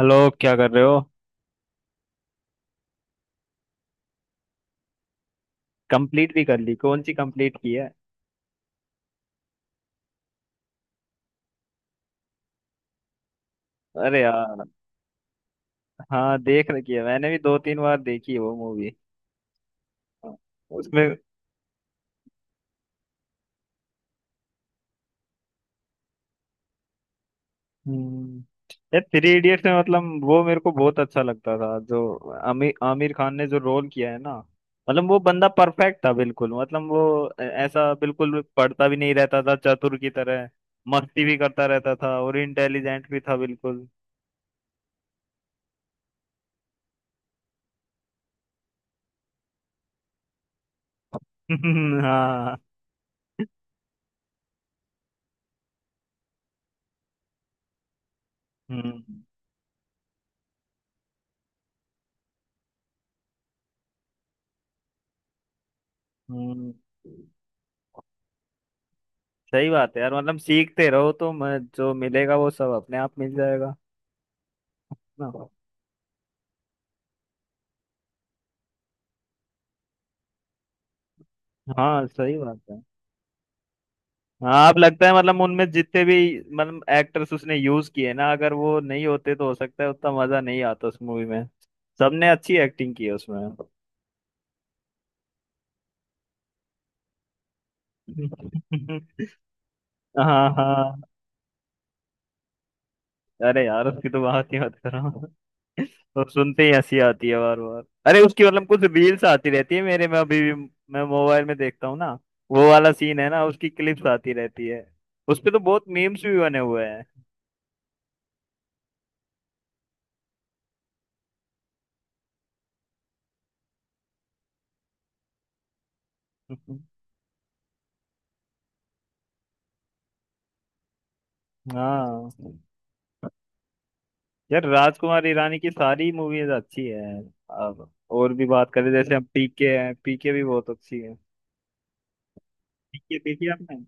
Hello. क्या कर रहे हो? कंप्लीट भी कर ली? कौन सी कंप्लीट की है? अरे यार, हाँ, देख रखी है, मैंने भी दो तीन बार देखी है वो मूवी। उसमें। हम्म। यार, थ्री इडियट्स में मतलब वो मेरे को बहुत अच्छा लगता था जो आमिर आमिर खान ने जो रोल किया है ना। मतलब वो बंदा परफेक्ट था बिल्कुल, मतलब वो ऐसा बिल्कुल पढ़ता भी नहीं रहता था चतुर की तरह। मस्ती भी करता रहता था और इंटेलिजेंट भी था बिल्कुल। हाँ। हम्म। हम्म। सही बात है यार, मतलब सीखते रहो तो मैं जो मिलेगा वो सब अपने आप मिल जाएगा ना। हाँ, सही बात है। हाँ, आप लगता है मतलब उनमें जितने भी मतलब एक्टर्स उसने यूज किए ना, अगर वो नहीं होते तो हो सकता है उतना मजा नहीं आता उस मूवी में। सबने अच्छी एक्टिंग की है उसमें। हाँ, हाँ। अरे यार, उसकी तो बात ही मत करो। और सुनते ही हंसी आती है बार बार। अरे, उसकी मतलब कुछ रील्स आती रहती है मेरे में अभी भी। मैं मोबाइल में देखता हूँ ना, वो वाला सीन है ना, उसकी क्लिप्स आती रहती है। उस पे तो बहुत मीम्स भी बने हुए हैं। हाँ। यार, राजकुमार ईरानी की सारी मूवीज अच्छी है। अब और भी बात करें, जैसे हम पीके हैं, पीके भी बहुत अच्छी है। पीके देखी आपने?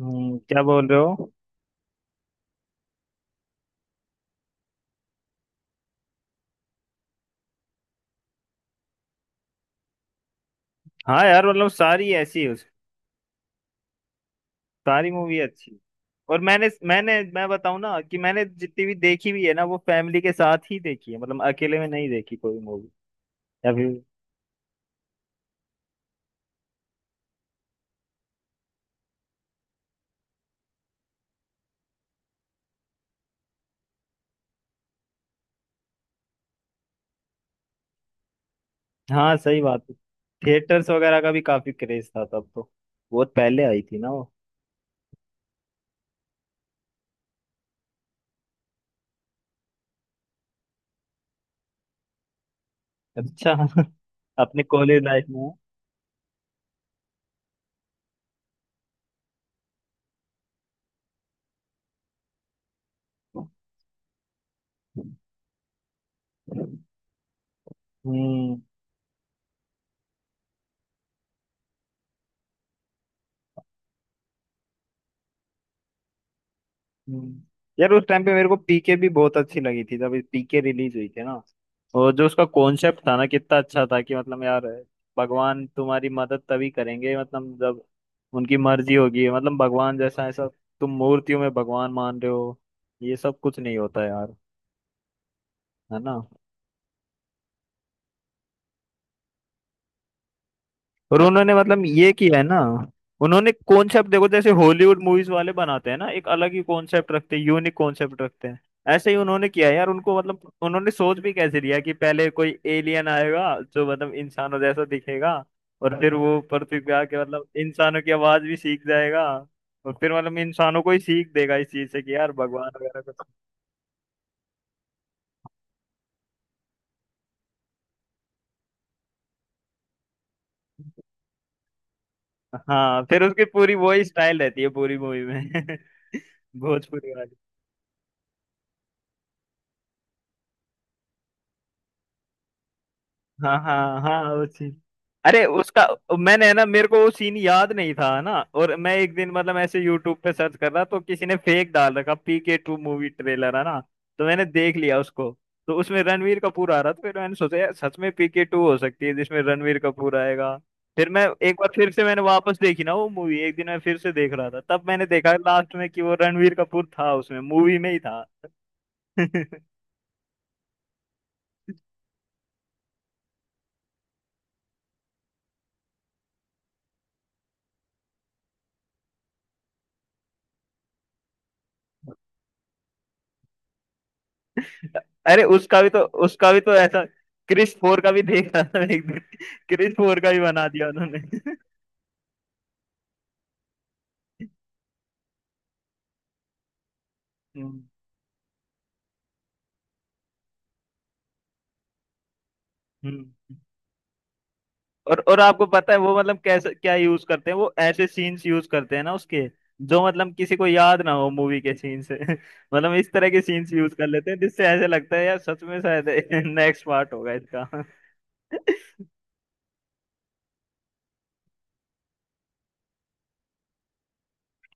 क्या बोल रहे हो? हाँ यार, मतलब सारी ऐसी है। सारी मूवी अच्छी। और मैंने मैंने मैं बताऊं ना, कि मैंने जितनी भी देखी भी है ना, वो फैमिली के साथ ही देखी है। मतलब अकेले में नहीं देखी कोई मूवी। या फिर हाँ, सही बात है। थिएटर्स वगैरह का भी काफी क्रेज था तब तो, बहुत पहले आई थी ना वो। अच्छा। अपने कॉलेज लाइफ में। हम्म। हम्म। यार, उस टाइम पे मेरे को पीके भी बहुत अच्छी लगी थी जब पीके रिलीज हुई थी ना। और जो उसका कॉन्सेप्ट था ना, कितना अच्छा था कि मतलब यार, भगवान तुम्हारी मदद तभी करेंगे मतलब जब उनकी मर्जी होगी। मतलब भगवान जैसा ऐसा, तुम मूर्तियों में भगवान मान रहे हो, ये सब कुछ नहीं होता यार। है ना? और उन्होंने मतलब ये किया है ना, उन्होंने कॉन्सेप्ट देखो जैसे हॉलीवुड मूवीज वाले बनाते हैं ना, एक अलग ही कॉन्सेप्ट रखते हैं, यूनिक कॉन्सेप्ट रखते हैं। ऐसे ही उन्होंने किया है यार, उनको मतलब उन्होंने सोच भी कैसे लिया कि पहले कोई एलियन आएगा जो मतलब इंसानों जैसा दिखेगा। और फिर वो पृथ्वी पे आके मतलब इंसानों की आवाज भी सीख जाएगा। और फिर मतलब इंसानों को ही सीख देगा इस चीज से कि यार भगवान वगैरह कुछ। हाँ, फिर उसकी पूरी वही स्टाइल रहती है पूरी मूवी में। भोजपुरी। हाँ हाँ हाँ, वो सीन। अरे उसका, मैंने है ना मेरे को वो सीन याद नहीं था ना, और मैं एक दिन मतलब ऐसे यूट्यूब पे सर्च कर रहा, तो किसी ने फेक डाल रखा पी के 2 मूवी ट्रेलर है ना, तो मैंने देख लिया उसको। तो उसमें रणवीर कपूर आ रहा था, फिर मैंने सोचा यार सच में पी के 2 हो सकती है जिसमें रणवीर कपूर आएगा। फिर मैं एक बार फिर से मैंने वापस देखी ना वो मूवी, एक दिन मैं फिर से देख रहा था, तब मैंने देखा लास्ट में कि वो रणवीर कपूर था, उसमें मूवी में ही था। अरे, उसका भी तो ऐसा क्रिस 4 का भी देखा था मैंने एक दिन, क्रिस 4 का भी बना दिया उन्होंने। हम्म। हम्म। और आपको पता है वो मतलब कैसे क्या यूज करते हैं? वो ऐसे सीन्स यूज करते हैं ना उसके, जो मतलब किसी को याद ना हो मूवी के सीन से। मतलब इस तरह के सीन्स यूज कर लेते हैं जिससे ऐसे लगता है यार सच में शायद नेक्स्ट पार्ट होगा इसका।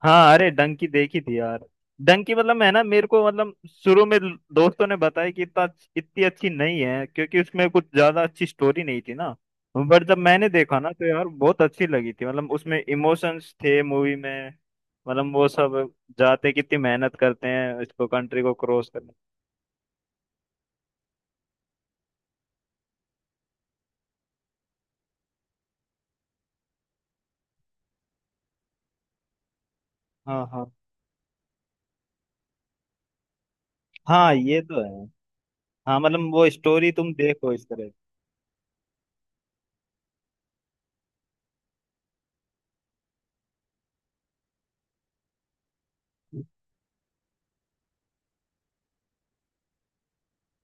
हाँ। अरे, डंकी देखी थी यार। डंकी मतलब है ना, मेरे को मतलब शुरू में दोस्तों ने बताया कि इतना इतनी अच्छी नहीं है, क्योंकि उसमें कुछ ज्यादा अच्छी स्टोरी नहीं थी ना। बट जब मैंने देखा ना तो यार बहुत अच्छी लगी थी, मतलब उसमें इमोशंस थे मूवी में। मतलब वो सब जाते कितनी मेहनत करते हैं इसको, कंट्री को क्रॉस करने। हाँ हाँ हाँ, ये तो है। हाँ, मतलब वो स्टोरी तुम देखो इस तरह।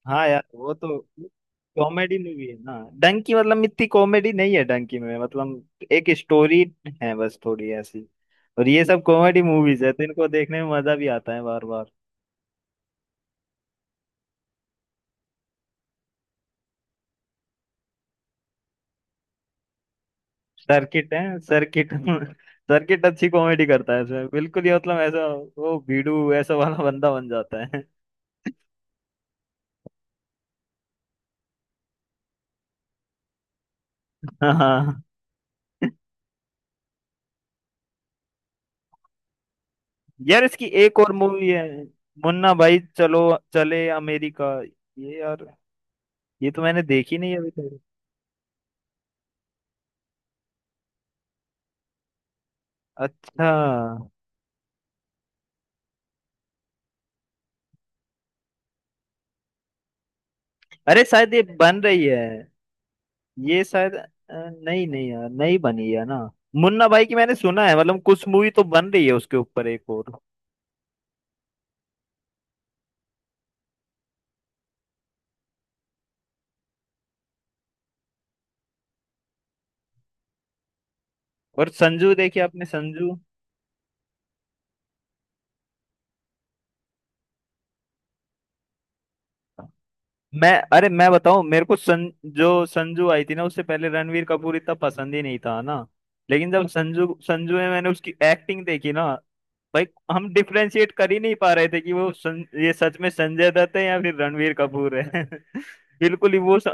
हाँ यार, वो तो कॉमेडी मूवी है ना। डंकी मतलब इतनी कॉमेडी नहीं है, डंकी में मतलब एक स्टोरी है बस थोड़ी ऐसी। और ये सब कॉमेडी मूवीज है तो इनको देखने में मजा भी आता है बार बार। सर्किट है सर्किट। सर्किट अच्छी कॉमेडी करता है इसमें, बिल्कुल ये मतलब ऐसा वो भीड़ू ऐसा वाला बंदा बन जाता है। हाँ, यार इसकी एक और मूवी है, मुन्ना भाई चलो चले अमेरिका, ये यार ये तो मैंने देखी नहीं अभी तक। अच्छा। अरे शायद ये बन रही है, ये शायद नहीं नहीं यार, नहीं बनी है ना। मुन्ना भाई की मैंने सुना है मतलब कुछ मूवी तो बन रही है उसके ऊपर एक और। और संजू देखिए आपने, संजू? मैं, अरे मैं बताऊं, मेरे को जो संजू आई थी ना उससे पहले रणवीर कपूर इतना पसंद ही नहीं था ना। लेकिन जब संजू संजू में मैंने उसकी एक्टिंग देखी ना। भाई, हम डिफ्रेंशिएट कर ही नहीं पा रहे थे कि वो ये सच में संजय दत्त है या फिर रणवीर कपूर है। बिल्कुल ही वो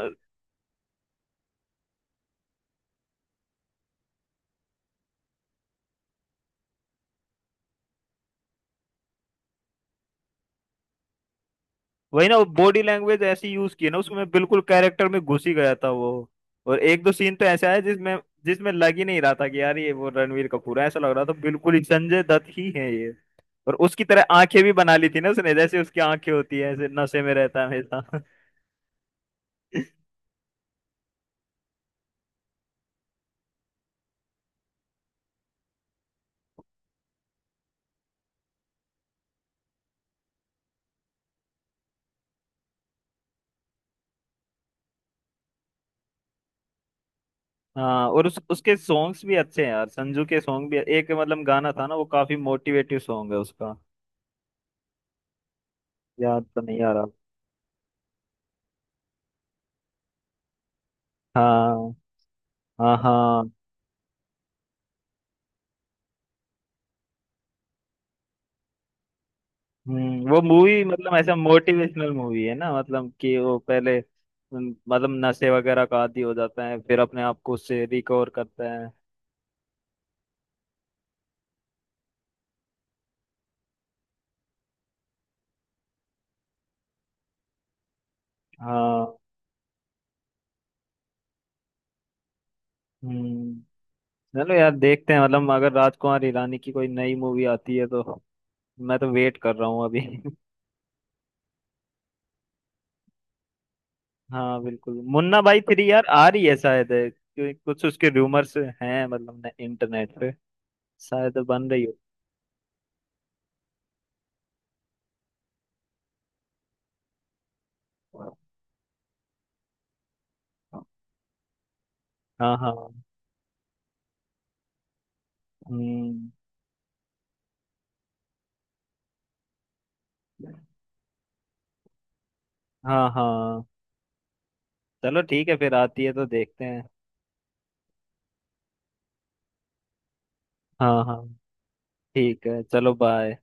वही ना, वो बॉडी लैंग्वेज ऐसी यूज की है ना उसमें, मैं बिल्कुल कैरेक्टर में घुस ही गया था वो। और एक दो सीन तो ऐसे आए जिसमें जिसमें लग ही नहीं रहा था कि यार ये वो रणवीर कपूर है, ऐसा लग रहा था बिल्कुल ही संजय दत्त ही है ये। और उसकी तरह आंखें भी बना ली थी ना उसने, जैसे उसकी आंखें होती है ऐसे नशे में रहता है हमेशा। हाँ, और उसके सॉन्ग्स भी अच्छे हैं यार, संजू के सॉन्ग भी एक मतलब गाना था ना, वो काफी मोटिवेटिव सॉन्ग है उसका। याद तो नहीं आ रहा। हाँ हाँ हाँ। वो मूवी मतलब ऐसा मोटिवेशनल मूवी है ना, मतलब कि वो पहले मतलब नशे वगैरह का आदी हो जाता है फिर अपने आप को उससे रिकवर करता है। हाँ। हम्म। चलो यार देखते हैं, मतलब अगर राजकुमार हिरानी की कोई नई मूवी आती है तो। मैं तो वेट कर रहा हूँ अभी। हाँ बिल्कुल, मुन्ना भाई 3 यार आ रही है शायद, है, क्योंकि कुछ उसके रूमर्स हैं मतलब इंटरनेट पे शायद बन रही हो। हाँ हाँ। हम्म। हाँ हाँ। चलो ठीक है, फिर आती है तो देखते हैं। हाँ हाँ ठीक है, चलो बाय।